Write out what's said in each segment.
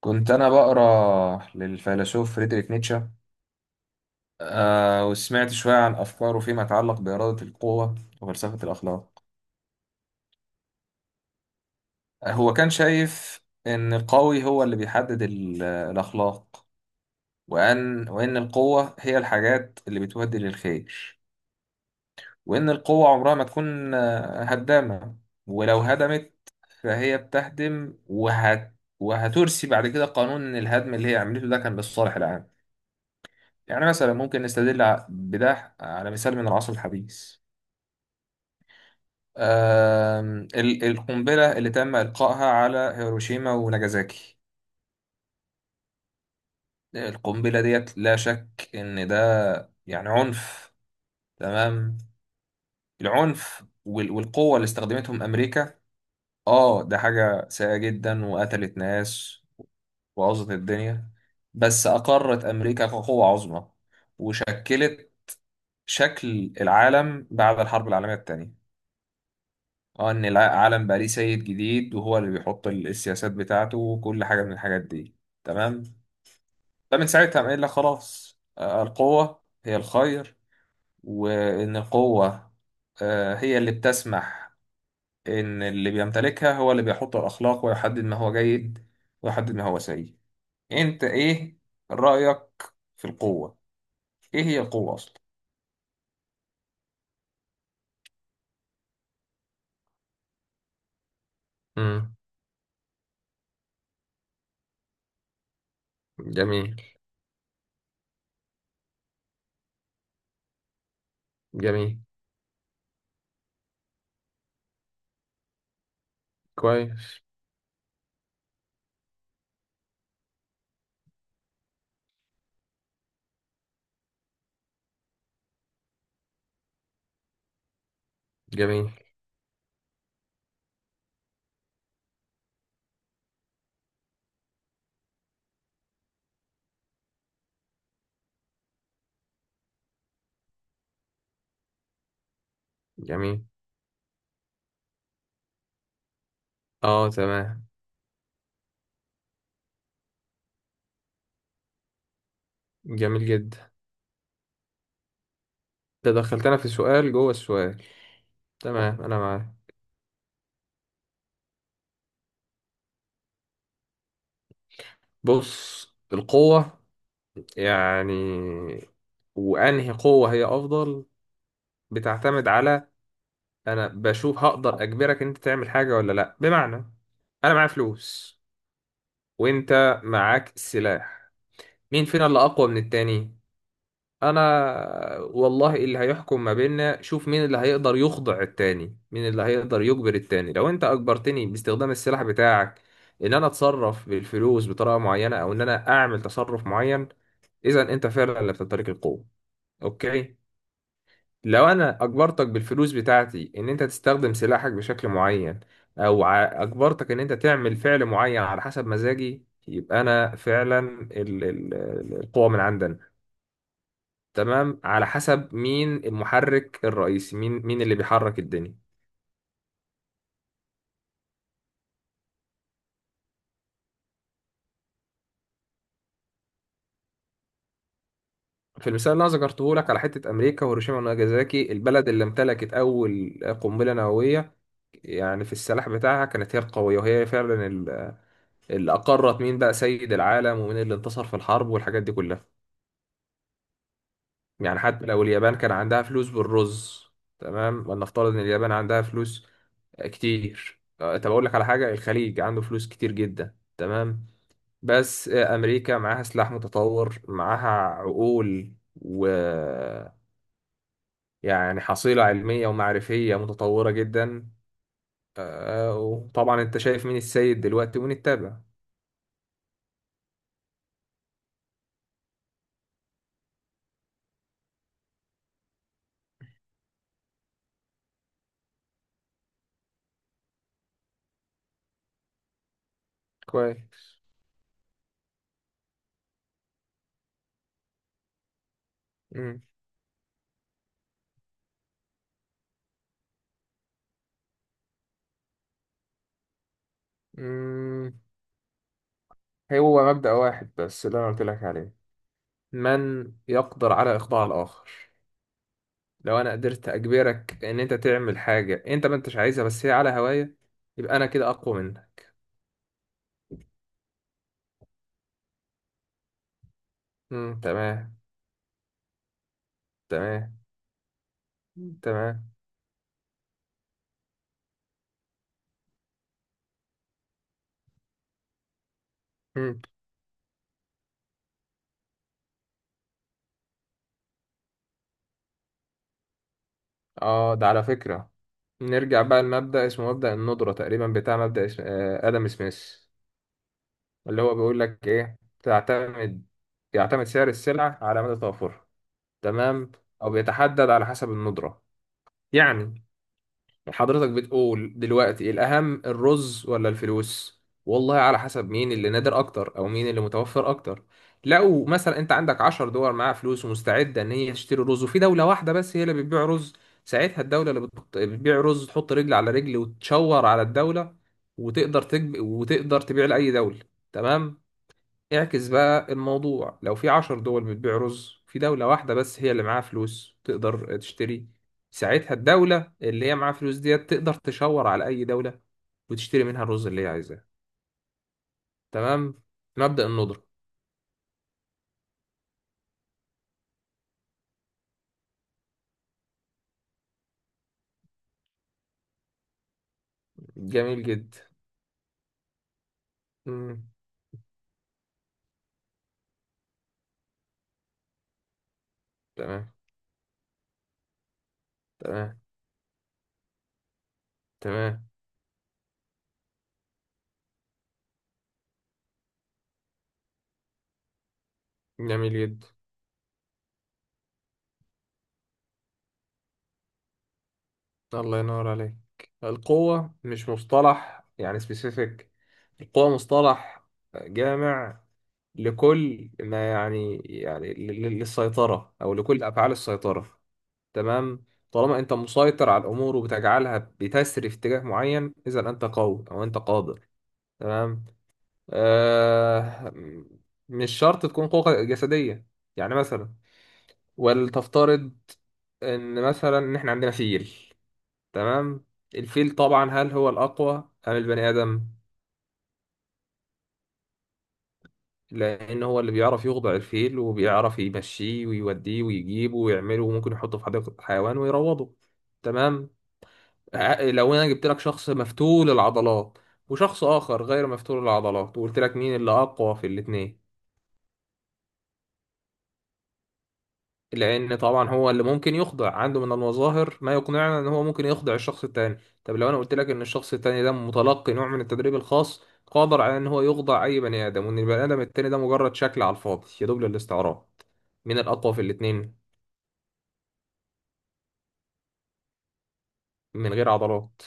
كنت أنا بقرأ للفيلسوف فريدريك نيتشه. وسمعت شوية عن أفكاره فيما يتعلق بإرادة القوة وفلسفة الأخلاق. هو كان شايف إن القوي هو اللي بيحدد الأخلاق، وإن القوة هي الحاجات اللي بتودي للخير، وإن القوة عمرها ما تكون هدامة، ولو هدمت فهي بتهدم وهترسي بعد كده قانون إن الهدم اللي هي عملته ده كان للصالح العام. يعني مثلا ممكن نستدل بده على مثال من العصر الحديث. القنبلة اللي تم إلقائها على هيروشيما وناجازاكي، القنبلة ديت لا شك إن ده يعني عنف. تمام، العنف والقوة اللي استخدمتهم أمريكا، ده حاجة سيئة جدا وقتلت ناس وبوظت الدنيا، بس أقرت أمريكا كقوة عظمى وشكلت شكل العالم بعد الحرب العالمية التانية. اه ان العالم بقى ليه سيد جديد وهو اللي بيحط السياسات بتاعته وكل حاجه من الحاجات دي. تمام، فمن ساعتها قام قايل لك خلاص القوه هي الخير، وان القوه هي اللي بتسمح ان اللي بيمتلكها هو اللي بيحط الاخلاق ويحدد ما هو جيد ويحدد ما هو سيء. انت ايه رايك في القوه؟ ايه هي القوه اصلا؟ امم. جميل. جميل. كويس. جميل. جميل. اه. تمام. جميل جدا. ده دخلتنا في سؤال جوه السؤال. تمام، انا معاك. بص، القوة، يعني، وانهي قوة هي افضل؟ بتعتمد على، انا بشوف هقدر اجبرك انت تعمل حاجة ولا لا. بمعنى، انا معايا فلوس وانت معاك سلاح، مين فينا اللي اقوى من التاني؟ انا؟ والله اللي هيحكم ما بيننا شوف مين اللي هيقدر يخضع التاني، مين اللي هيقدر يجبر التاني. لو انت اجبرتني باستخدام السلاح بتاعك ان انا اتصرف بالفلوس بطريقة معينة او ان انا اعمل تصرف معين، اذا انت فعلا اللي بتمتلك القوة. اوكي. لو انا اجبرتك بالفلوس بتاعتي ان انت تستخدم سلاحك بشكل معين او اجبرتك ان انت تعمل فعل معين على حسب مزاجي، يبقى انا فعلا القوة من عندنا. تمام، على حسب مين المحرك الرئيسي، مين اللي بيحرك الدنيا. في المثال اللي انا ذكرته لك على حته امريكا وهيروشيما وناجازاكي، البلد اللي امتلكت اول قنبله نوويه، يعني في السلاح بتاعها كانت هي القويه، وهي فعلا اللي اقرت مين بقى سيد العالم ومين اللي انتصر في الحرب والحاجات دي كلها. يعني حتى لو اليابان كان عندها فلوس بالرز. تمام، ولنفترض ان اليابان عندها فلوس كتير. طب اقول لك على حاجه، الخليج عنده فلوس كتير جدا، تمام، بس أمريكا معاها سلاح متطور، معاها عقول و، يعني حصيلة علمية ومعرفية متطورة جدا. وطبعا أنت شايف مين السيد دلوقتي ونتابع. كويس. مم. مم. هو مبدأ واحد بس اللي أنا قلت لك عليه، من يقدر على إخضاع الآخر. لو أنا قدرت أجبرك إن أنت تعمل حاجة أنت ما أنتش عايزها بس هي على هواية، يبقى أنا كده أقوى منك. مم. تمام. تمام. مم. تمام. مم. اه ده على فكرة، نرجع بقى لمبدأ اسمه مبدأ الندرة تقريبا بتاع مبدأ اسم... آه، آدم سميث، اللي هو بيقول لك ايه، يعتمد سعر السلعة على مدى توفرها. تمام، او بيتحدد على حسب الندرة. يعني حضرتك بتقول دلوقتي الأهم الرز ولا الفلوس؟ والله على حسب مين اللي نادر أكتر أو مين اللي متوفر أكتر. لو مثلا أنت عندك 10 دول معاها فلوس ومستعدة إن هي تشتري رز وفي دولة واحدة بس هي اللي بتبيع رز، ساعتها الدولة اللي بتبيع رز تحط رجل على رجل وتشور على الدولة وتقدر وتقدر تبيع لأي دولة. تمام، اعكس بقى الموضوع، لو في 10 دول بتبيع رز في دولة واحدة بس هي اللي معاها فلوس تقدر تشتري، ساعتها الدولة اللي هي معاها فلوس ديت تقدر تشاور على أي دولة وتشتري منها الرز اللي هي عايزاه. تمام، مبدأ الندرة. جميل جدا. مم. تمام. تمام. تمام. جميل جدا. الله ينور عليك. القوة مش مصطلح يعني سبيسيفيك، القوة مصطلح جامع لكل ما يعني للسيطرة أو لكل أفعال السيطرة. تمام، طالما أنت مسيطر على الأمور وبتجعلها بتسري في اتجاه معين، إذا أنت قوي أو أنت قادر. تمام، آه مش شرط تكون قوة جسدية. يعني مثلا، ولتفترض إن مثلا إن إحنا عندنا فيل، تمام، الفيل طبعا هل هو الأقوى أم البني آدم؟ لأن هو اللي بيعرف يخضع الفيل وبيعرف يمشيه ويوديه ويجيبه ويعمله وممكن يحطه في حديقة الحيوان ويروضه. تمام، لو أنا جبت لك شخص مفتول العضلات وشخص آخر غير مفتول العضلات وقلت لك مين اللي أقوى في الاتنين؟ لأن طبعا هو اللي ممكن يخضع، عنده من المظاهر ما يقنعنا إن هو ممكن يخضع الشخص التاني. طب لو أنا قلت لك إن الشخص التاني ده متلقي نوع من التدريب الخاص قادر على إن هو يخضع أي بني آدم، وإن البني آدم التاني ده مجرد شكل على الفاضي يدوب للاستعراض، مين الأقوى في الاتنين؟ من غير عضلات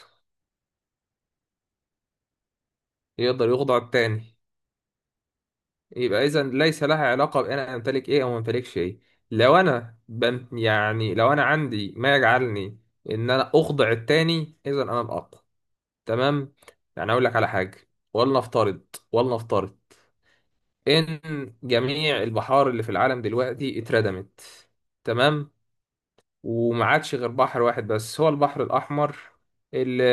يقدر يخضع التاني، يبقى إذا ليس لها علاقة بأن أنا أمتلك إيه أو ما أمتلكش إيه. لو أنا بم يعني لو أنا عندي ما يجعلني إن أنا أخضع التاني، إذا أنا الأقوى. تمام، يعني اقول لك على حاجه، ولنفترض ان جميع البحار اللي في العالم دلوقتي اتردمت. تمام، وما عادش غير بحر واحد بس هو البحر الاحمر، اللي,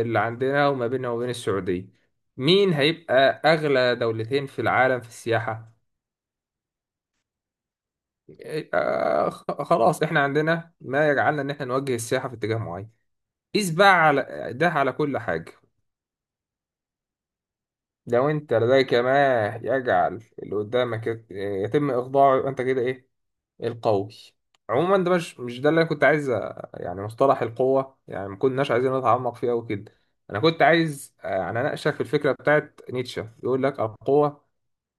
اللي عندنا وما بيننا وبين السعوديه، مين هيبقى اغلى دولتين في العالم في السياحه؟ خلاص احنا عندنا ما يجعلنا ان احنا نوجه السياحه في اتجاه معين. قيس بقى على ده على كل حاجه، لو انت لديك ما يجعل اللي قدامك يتم اخضاعه، يبقى انت كده ايه؟ القوي. عموما ده مش ده اللي انا كنت عايز يعني مصطلح القوة يعني ما كناش عايزين نتعمق فيه قوي كده. انا كنت عايز، يعني اناقشك في الفكرة بتاعت نيتشه، يقول لك القوة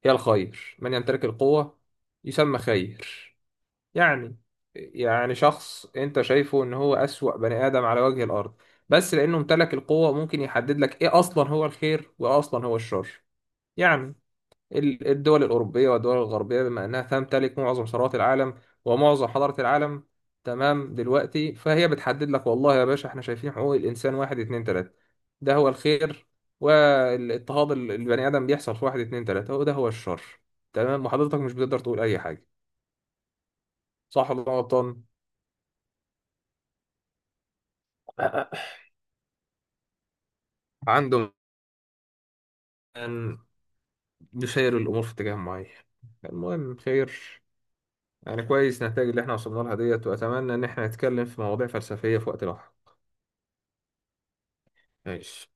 هي الخير، من يمتلك القوة يسمى خير. يعني يعني شخص انت شايفه ان هو اسوأ بني ادم على وجه الارض، بس لانه امتلك القوة ممكن يحدد لك ايه اصلا هو الخير وايه اصلا هو الشر. يعني الدول الأوروبية والدول الغربية بما أنها تمتلك معظم ثروات العالم ومعظم حضارة العالم، تمام، دلوقتي فهي بتحدد لك والله يا باشا احنا شايفين حقوق الإنسان واحد اتنين تلاتة ده هو الخير، والاضطهاد البني آدم بيحصل في واحد اتنين تلاتة وده هو الشر. تمام، وحضرتك مش بتقدر تقول أي حاجة، صح ولا أنا غلطان؟ عندهم أن يسير الأمور في اتجاه معين، المهم خير. يعني كويس نتائج اللي احنا وصلنا لها ديت، وأتمنى إن احنا نتكلم في مواضيع فلسفية في وقت لاحق. ماشي.